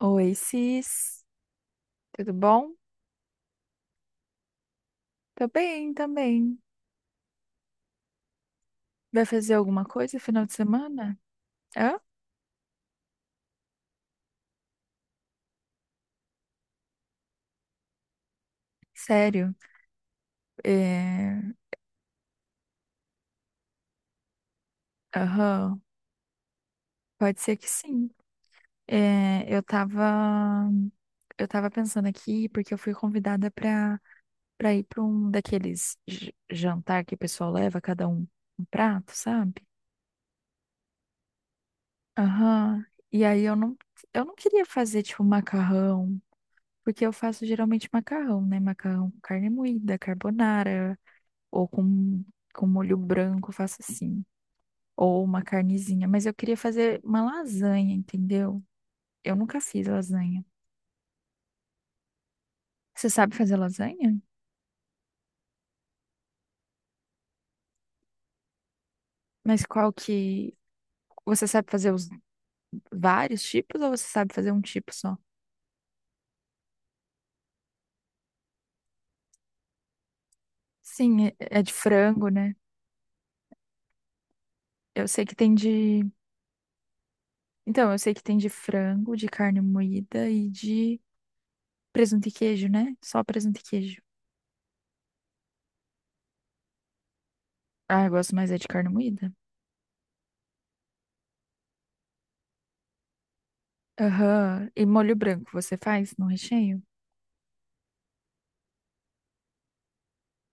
Oi, Cis, tudo bom? Tô bem também. Vai fazer alguma coisa no final de semana? Hã? Sério? É... Aham, pode ser que sim. É, eu tava, eu tava pensando aqui porque eu fui convidada pra ir pra um daqueles jantar que o pessoal leva, cada um um prato, sabe? Aham. E aí eu não queria fazer tipo macarrão, porque eu faço geralmente macarrão, né? Macarrão com carne moída, carbonara, ou com, com molho branco, eu faço assim, ou uma carnezinha. Mas eu queria fazer uma lasanha, entendeu? Eu nunca fiz lasanha. Você sabe fazer lasanha? Mas qual que. Você sabe fazer os vários tipos ou você sabe fazer um tipo só? Sim, é de frango, né? Eu sei que tem de. Então, eu sei que tem de frango, de carne moída e de presunto e queijo, né? Só presunto e queijo. Ah, eu gosto mais é de carne moída. Aham. E molho branco, você faz no recheio?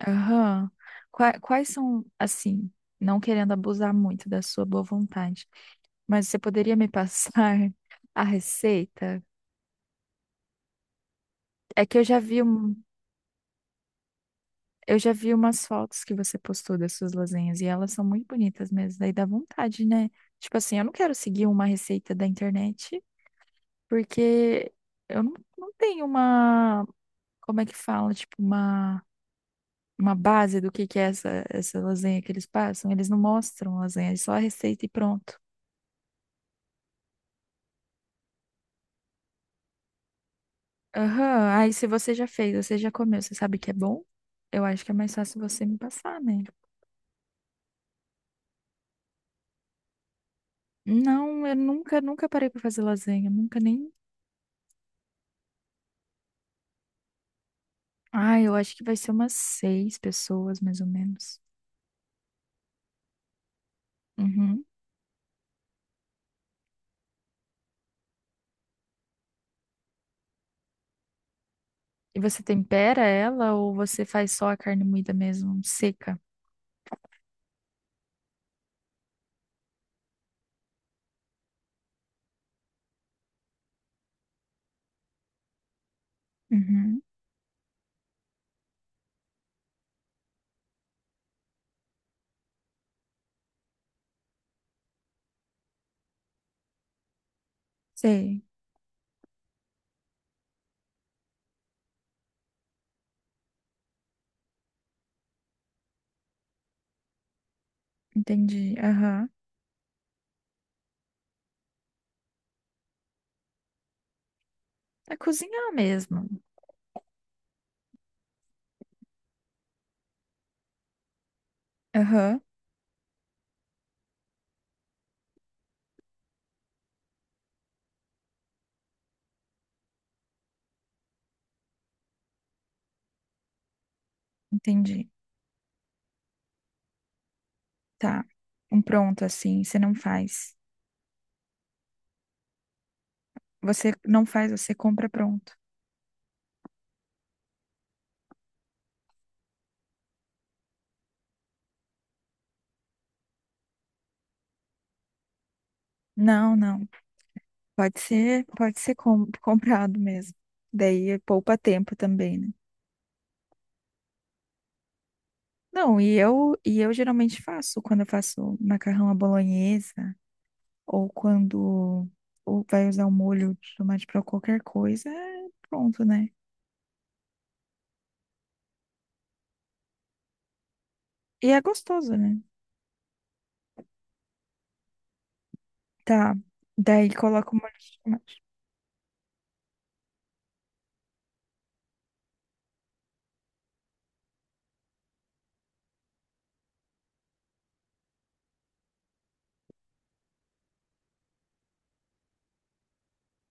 Aham. Quais são, assim, não querendo abusar muito da sua boa vontade, mas você poderia me passar a receita? É que eu já vi um, eu já vi umas fotos que você postou das suas lasanhas e elas são muito bonitas mesmo, daí dá vontade, né? Tipo assim, eu não quero seguir uma receita da internet porque eu não, não tenho uma, como é que fala, tipo uma base do que é essa lasanha que eles passam, eles não mostram lasanha, é só a receita e pronto. Aham. Aí se você já fez, você já comeu, você sabe que é bom? Eu acho que é mais fácil você me passar, né? Não, eu nunca, nunca parei pra fazer lasanha, nunca nem. Ah, eu acho que vai ser umas seis pessoas, mais ou menos. Uhum. E você tempera ela ou você faz só a carne moída mesmo, seca? Uhum. Sei, entendi. Aham. É cozinhar mesmo. Aham. Entendi. Tá. Um pronto assim, você não faz. Você não faz, você compra pronto. Não, não. Pode ser comprado mesmo. Daí poupa tempo também, né? Não, e eu geralmente faço quando eu faço macarrão à bolonhesa ou quando ou vai usar o molho de tomate para qualquer coisa, é pronto, né? E é gostoso, né? Tá. Daí coloca o molho de tomate.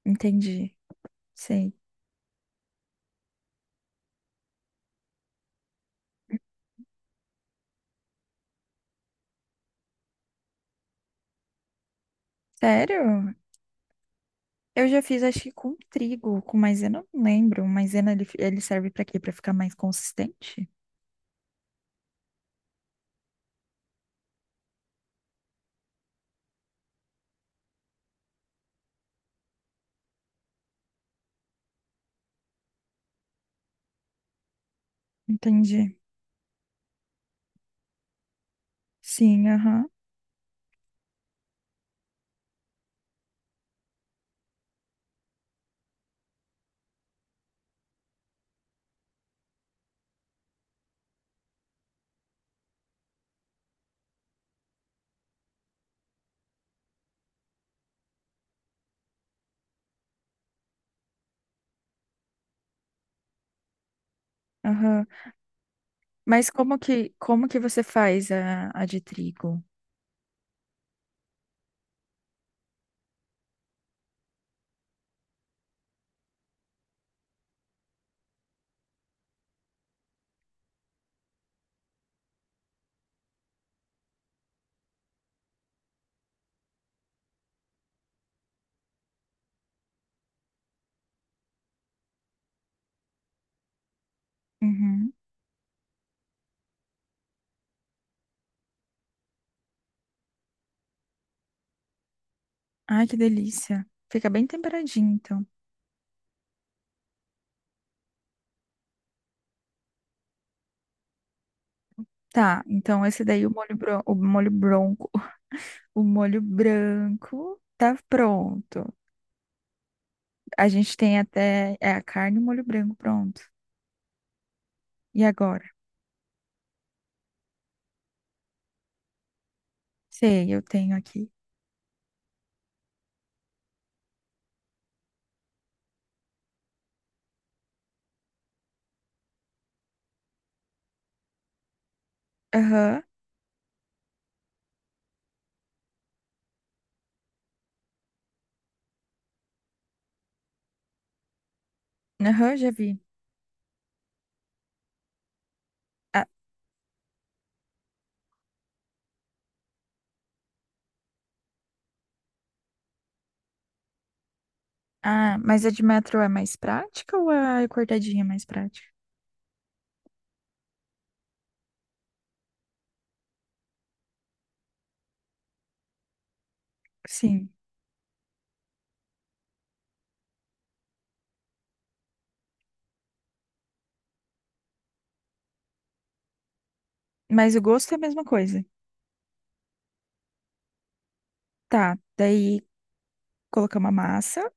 Entendi. Sei. Sério? Eu já fiz, acho que com trigo, com maisena, eu não lembro. Maisena ele serve para quê? Para ficar mais consistente? Entendi. Sim, aham, aham. Mas como que você faz a de trigo? Uhum. Ai, que delícia. Fica bem temperadinho, então. Tá, então esse daí, o molho bronco, o molho branco tá pronto. A gente tem até, é a carne e o molho branco pronto. E agora? Sei, eu tenho aqui. Aham, aham, já vi. Ah, ah, mas a de metro é mais prática ou a cortadinha é mais prática? Sim, mas o gosto é a mesma coisa. Tá, daí colocamos a massa,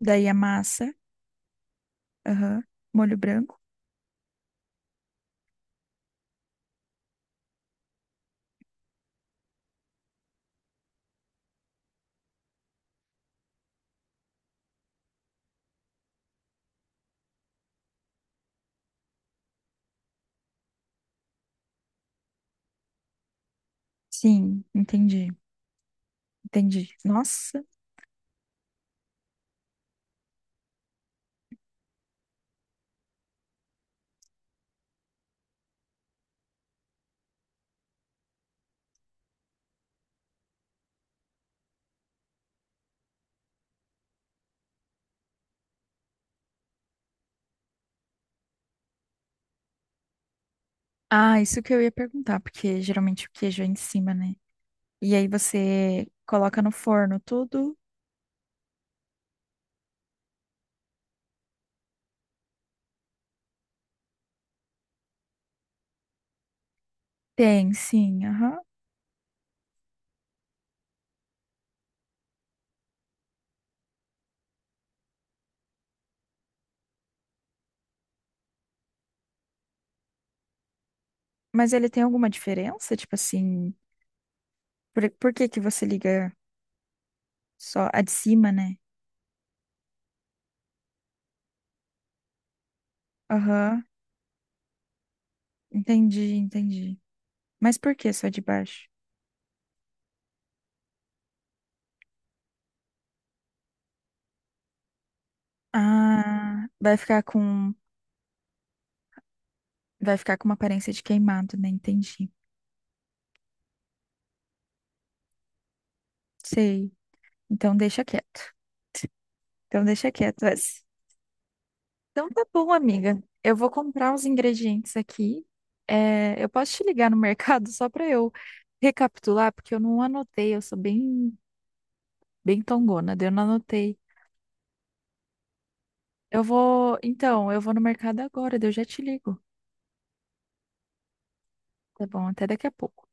daí a massa, aham, molho branco. Sim, entendi, entendi. Nossa. Ah, isso que eu ia perguntar, porque geralmente o queijo é em cima, né? E aí você coloca no forno tudo? Tem, sim, aham. Mas ele tem alguma diferença? Tipo assim, por que que você liga só a de cima, né? Aham, entendi, entendi. Mas por que só de baixo? Ah, vai ficar com. Vai ficar com uma aparência de queimado, né? Entendi. Sei. Então deixa quieto. Então deixa quieto essa. Então tá bom, amiga. Eu vou comprar os ingredientes aqui. É, eu posso te ligar no mercado só para eu recapitular, porque eu não anotei. Eu sou bem, bem tongona, daí eu não anotei. Eu vou, então, eu vou no mercado agora, daí eu já te ligo. Tá bom, até daqui a pouco.